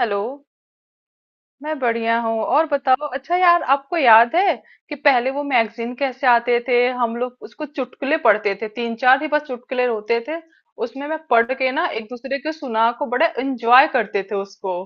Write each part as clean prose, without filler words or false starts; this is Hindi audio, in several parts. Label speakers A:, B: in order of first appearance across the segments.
A: हेलो। मैं बढ़िया हूँ। और बताओ, अच्छा यार, आपको याद है कि पहले वो मैगजीन कैसे आते थे? हम लोग उसको चुटकुले पढ़ते थे। तीन चार ही बस चुटकुले होते थे उसमें। मैं पढ़ के ना एक दूसरे के सुना को बड़ा एंजॉय करते थे उसको।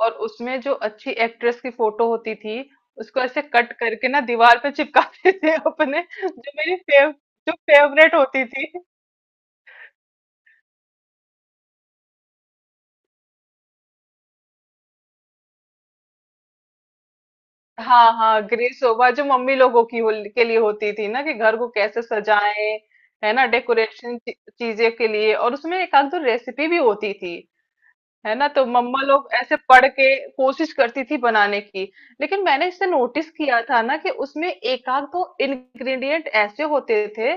A: और उसमें जो अच्छी एक्ट्रेस की फोटो होती थी उसको ऐसे कट करके ना दीवार पे चिपकाते थे अपने, जो मेरी फेव, जो फेवरेट होती थी। हाँ हाँ, ग्रे सोफा जो मम्मी लोगों की हो, के लिए होती थी ना, कि घर को कैसे सजाएं। है ना, डेकोरेशन चीजें के लिए। और उसमें एक आध दो रेसिपी भी होती थी। है ना, तो मम्मा लोग ऐसे पढ़ के कोशिश करती थी बनाने की। लेकिन मैंने इससे नोटिस किया था ना कि उसमें एक आध दो इंग्रेडिएंट ऐसे होते थे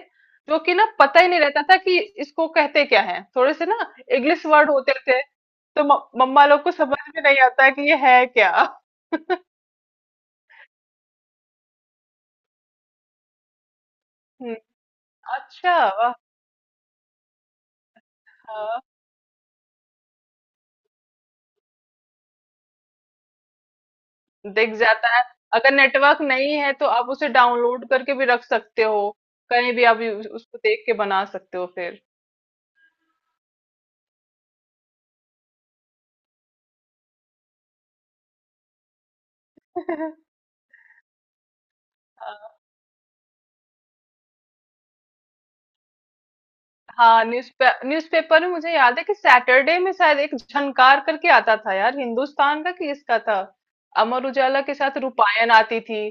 A: जो कि ना पता ही नहीं रहता था कि इसको कहते क्या है। थोड़े से ना इंग्लिश वर्ड होते थे, तो मम्मा लोग को समझ में नहीं आता कि ये है क्या। हम्म। अच्छा। हाँ, दिख जाता है। अगर नेटवर्क नहीं है तो आप उसे डाउनलोड करके भी रख सकते हो। कहीं भी आप उसको देख के बना सकते हो फिर। हाँ, न्यूज़पेपर में मुझे याद है कि सैटरडे में शायद एक झनकार करके आता था यार, हिंदुस्तान का कि इसका था। अमर उजाला के साथ रूपायन आती थी।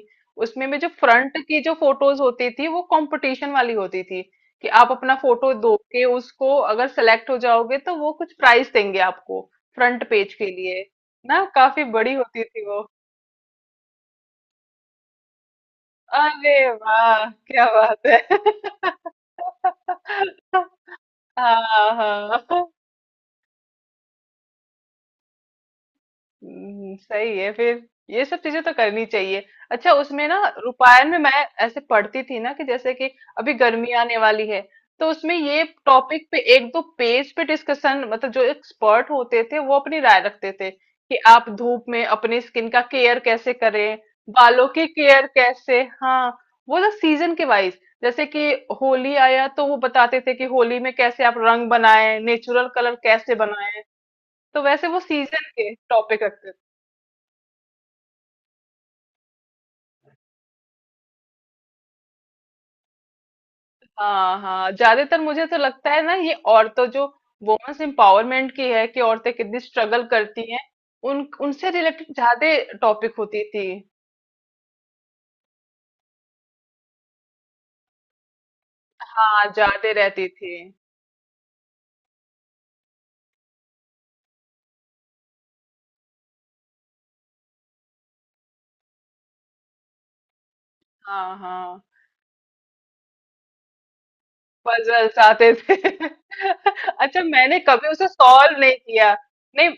A: उसमें में जो फ्रंट की जो फोटोज होती थी वो कंपटीशन वाली होती थी। कि आप अपना फोटो दो के उसको, अगर सेलेक्ट हो जाओगे तो वो कुछ प्राइस देंगे आपको फ्रंट पेज के लिए। ना काफी बड़ी होती थी वो। अरे वाह, क्या बात है। हाँ हाँ। सही है फिर। ये सब चीजें तो करनी चाहिए। अच्छा उसमें ना, रूपायण में मैं ऐसे पढ़ती थी ना कि जैसे कि अभी गर्मी आने वाली है, तो उसमें ये टॉपिक पे एक दो पेज पे डिस्कशन, मतलब जो एक्सपर्ट होते थे वो अपनी राय रखते थे कि आप धूप में अपनी स्किन का केयर कैसे करें, बालों की केयर कैसे। हाँ, वो ना सीजन के वाइज, जैसे कि होली आया तो वो बताते थे कि होली में कैसे आप रंग बनाएं, नेचुरल कलर कैसे बनाएं। तो वैसे वो सीजन के टॉपिक रखते थे। हाँ हाँ, ज्यादातर मुझे तो लगता है ना ये औरतों जो वुमेन्स एम्पावरमेंट की है, कि औरतें कितनी स्ट्रगल करती हैं, उन उनसे रिलेटेड ज्यादा टॉपिक होती थी। हाँ, ज्यादा रहती थी। हाँ हाँ, पजल्स आते थे। अच्छा, मैंने कभी उसे सॉल्व नहीं किया। नहीं,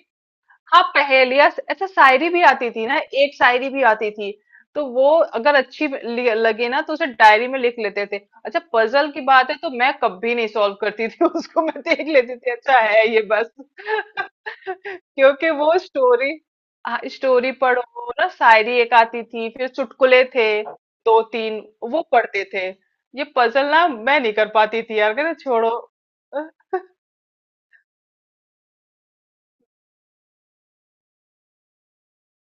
A: हाँ, पहेलियाँ अच्छा, शायरी भी आती थी ना, एक शायरी भी आती थी। तो वो अगर अच्छी लगे ना तो उसे डायरी में लिख लेते थे। अच्छा, पजल की बात है तो मैं कभी नहीं सॉल्व करती थी। उसको मैं देख लेती थी, अच्छा है ये, बस। क्योंकि वो स्टोरी, हाँ स्टोरी पढ़ो ना, शायरी एक आती थी, फिर चुटकुले थे दो तीन, वो पढ़ते थे। ये पजल ना मैं नहीं कर पाती थी यार, कहते छोड़ो।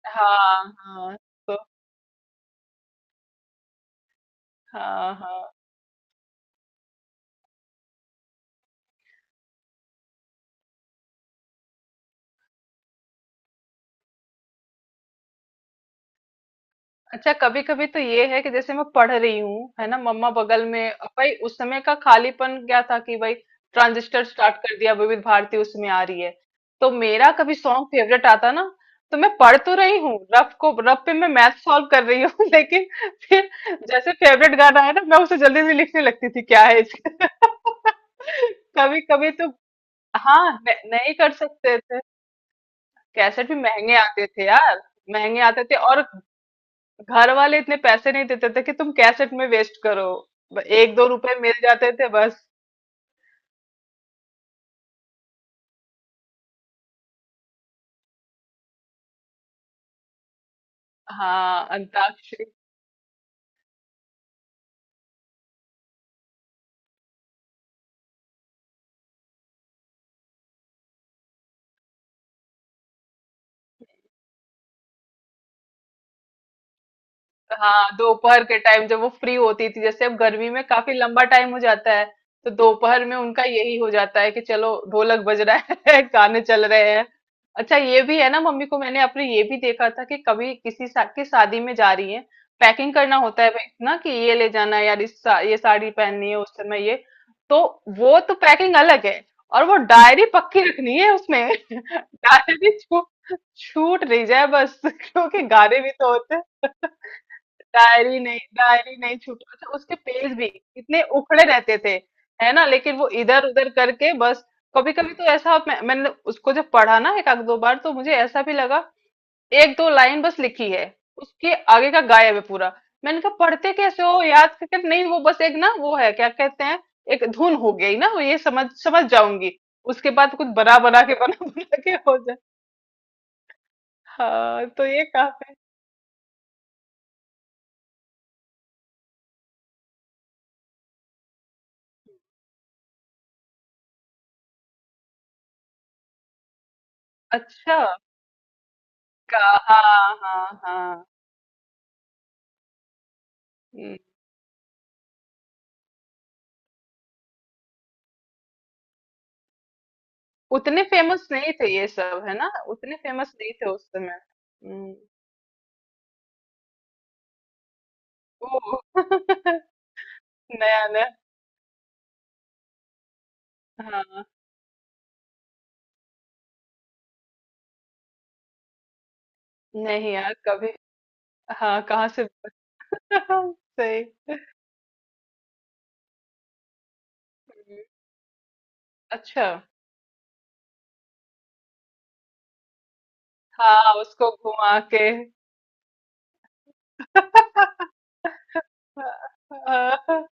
A: हाँ हाँ। तो हाँ हाँ, अच्छा कभी कभी तो ये है कि जैसे मैं पढ़ रही हूँ, है ना, मम्मा बगल में, अब भाई उस समय का खालीपन क्या था कि भाई ट्रांजिस्टर स्टार्ट कर दिया, विविध भारती उसमें आ रही है, तो मेरा कभी सॉन्ग फेवरेट आता ना, तो मैं पढ़ तो रही हूँ, रफ को, रफ पे मैं मैथ सॉल्व कर रही हूँ। लेकिन फिर जैसे फेवरेट गाना है ना, मैं उसे जल्दी से लिखने लगती थी क्या है इसका। कभी कभी तो, हाँ, नहीं कर सकते थे। कैसेट भी महंगे आते थे यार, महंगे आते थे, और घर वाले इतने पैसे नहीं देते थे कि तुम कैसेट में वेस्ट करो। एक दो रुपए मिल जाते थे बस। हाँ, अंताक्षरी। हाँ, दोपहर के टाइम जब वो फ्री होती थी, जैसे अब गर्मी में काफी लंबा टाइम हो जाता है, तो दोपहर में उनका यही हो जाता है कि चलो ढोलक बज रहा है। गाने चल रहे हैं। अच्छा ये भी है ना, मम्मी को मैंने अपने ये भी देखा था कि कभी किसी की शादी में जा रही है, पैकिंग करना होता है भाई ना, कि ये ले जाना है यार, इस ये साड़ी पहननी है उस समय ये, तो वो तो पैकिंग अलग है, और वो डायरी पक्की रखनी है उसमें। डायरी छूट, छूट नहीं जाए बस। क्योंकि गाने भी तो होते हैं। डायरी नहीं, डायरी नहीं छूटी। अच्छा, उसके पेज भी इतने उखड़े रहते थे है ना, लेकिन वो इधर उधर करके बस। कभी कभी तो ऐसा मैंने उसको जब पढ़ा ना एक आध दो बार तो मुझे ऐसा भी लगा एक दो लाइन बस लिखी है, उसके आगे का गायब है पूरा। मैंने कहा पढ़ते कैसे हो, याद करके तो नहीं, वो बस एक ना वो है क्या कहते हैं, एक धुन हो गई ना वो, ये समझ समझ जाऊंगी, उसके बाद कुछ बना बना के, बना बना के हो जाए। हाँ तो ये काफी। अच्छा, का, हाँ हाँ हाँ, उतने फेमस नहीं थे ये सब, है ना, उतने फेमस नहीं थे उस समय। हम्म। ओ। नया नया। हाँ। नहीं यार, कभी। हाँ कहाँ से। सही। हम्म। अच्छा। हाँ, उसको घुमा के।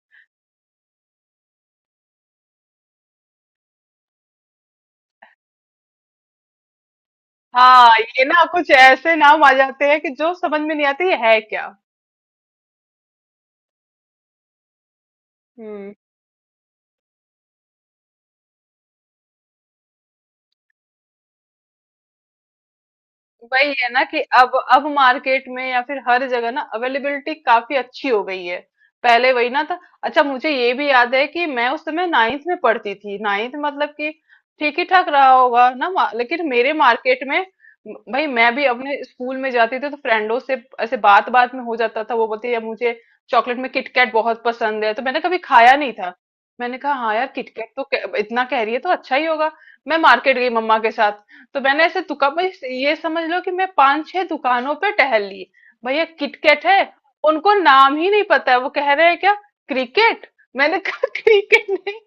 A: हाँ, ये ना कुछ ऐसे नाम आ जाते हैं कि जो समझ में नहीं आते ये है क्या। हम्म। वही है ना कि अब मार्केट में या फिर हर जगह ना अवेलेबिलिटी काफी अच्छी हो गई है, पहले वही ना था। अच्छा, मुझे ये भी याद है कि मैं उस समय नाइन्थ में पढ़ती थी, नाइन्थ मतलब कि ठीक ही ठाक रहा होगा ना, लेकिन मेरे मार्केट में, भाई मैं भी अपने स्कूल में जाती थी तो फ्रेंडों से ऐसे बात बात में हो जाता था। वो बोलते यार मुझे चॉकलेट में किटकैट बहुत पसंद है, तो मैंने कभी खाया नहीं था। मैंने कहा हाँ यार किटकैट तो, इतना कह रही है तो अच्छा ही होगा। मैं मार्केट गई मम्मा के साथ, तो मैंने ऐसे दुकान में, ये समझ लो कि मैं पांच छह दुकानों पे टहल ली। भैया किटकैट है? उनको नाम ही नहीं पता है, वो कह रहे हैं क्या, क्रिकेट? मैंने कहा क्रिकेट नहीं,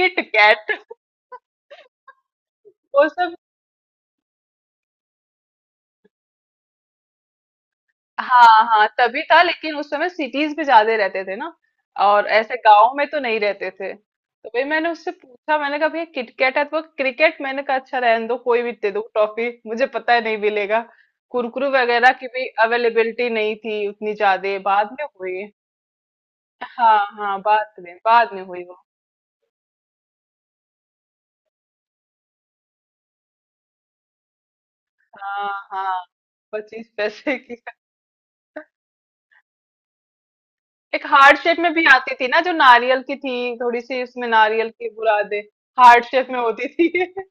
A: किटकैट। वो सब, हाँ हाँ तभी था, लेकिन उस समय सिटीज में ज्यादा रहते थे ना, और ऐसे गांव में तो नहीं रहते थे। तो भाई मैंने उससे पूछा, मैंने कहा भैया किटकैट है? तो क्रिकेट। मैंने कहा अच्छा रहने दो, कोई भी दे दो टॉफी, मुझे पता है नहीं मिलेगा। कुरकुरे वगैरह की भी अवेलेबिलिटी नहीं थी उतनी, ज्यादा बाद में हुई। हाँ हाँ, बाद में हुई वो। हाँ हाँ, पच्चीस पैसे की। एक हार्ट शेप में भी आती थी ना, जो नारियल की थी थोड़ी सी, उसमें नारियल की बुरादे, हार्ट शेप में होती थी।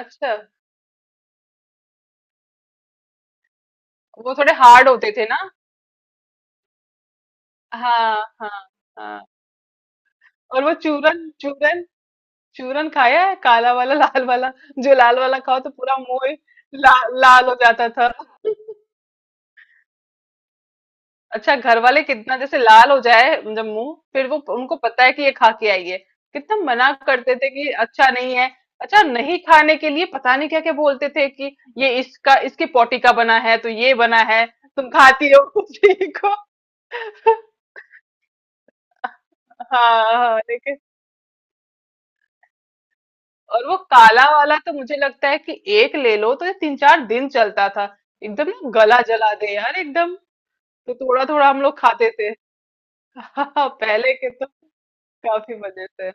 A: अच्छा, वो थोड़े हार्ड होते थे ना। हाँ हाँ हाँ। और वो चूरन, चूरन, चूरन खाया है, काला वाला लाल वाला। जो लाल वाला खाओ तो पूरा मुंह ही, ला, लाल हो जाता था। अच्छा, घर वाले कितना, जैसे लाल हो जाए जब मुंह, फिर वो उनको पता है कि ये खा के आई है। कितना मना करते थे कि अच्छा नहीं है, अच्छा नहीं खाने के लिए। पता नहीं क्या क्या बोलते थे, कि ये इसका, इसके पोटी का बना है, तो ये बना है, तुम खाती हो उसी को। हाँ हाँ, लेकिन, और वो काला वाला तो मुझे लगता है कि एक ले लो तो ये तीन चार दिन चलता था। एकदम ना गला जला दे यार एकदम, तो थोड़ा थोड़ा हम लोग खाते थे। पहले के तो काफी मजे थे।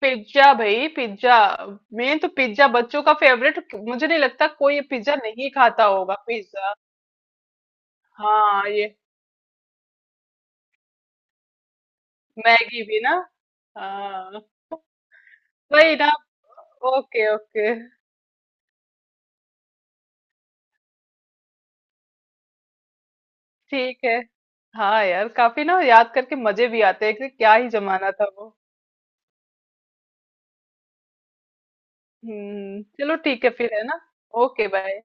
A: पिज्जा भाई, पिज्जा, मेन तो पिज्जा बच्चों का फेवरेट। मुझे नहीं लगता कोई ये पिज्जा नहीं खाता होगा। पिज्जा, हाँ ये, मैगी भी ना। हाँ। वही ना। Okay okay. ठीक है। हाँ यार, काफी ना याद करके मजे भी आते हैं, कि क्या ही जमाना था वो। हुँ, चलो ठीक है फिर, है ना? Okay bye.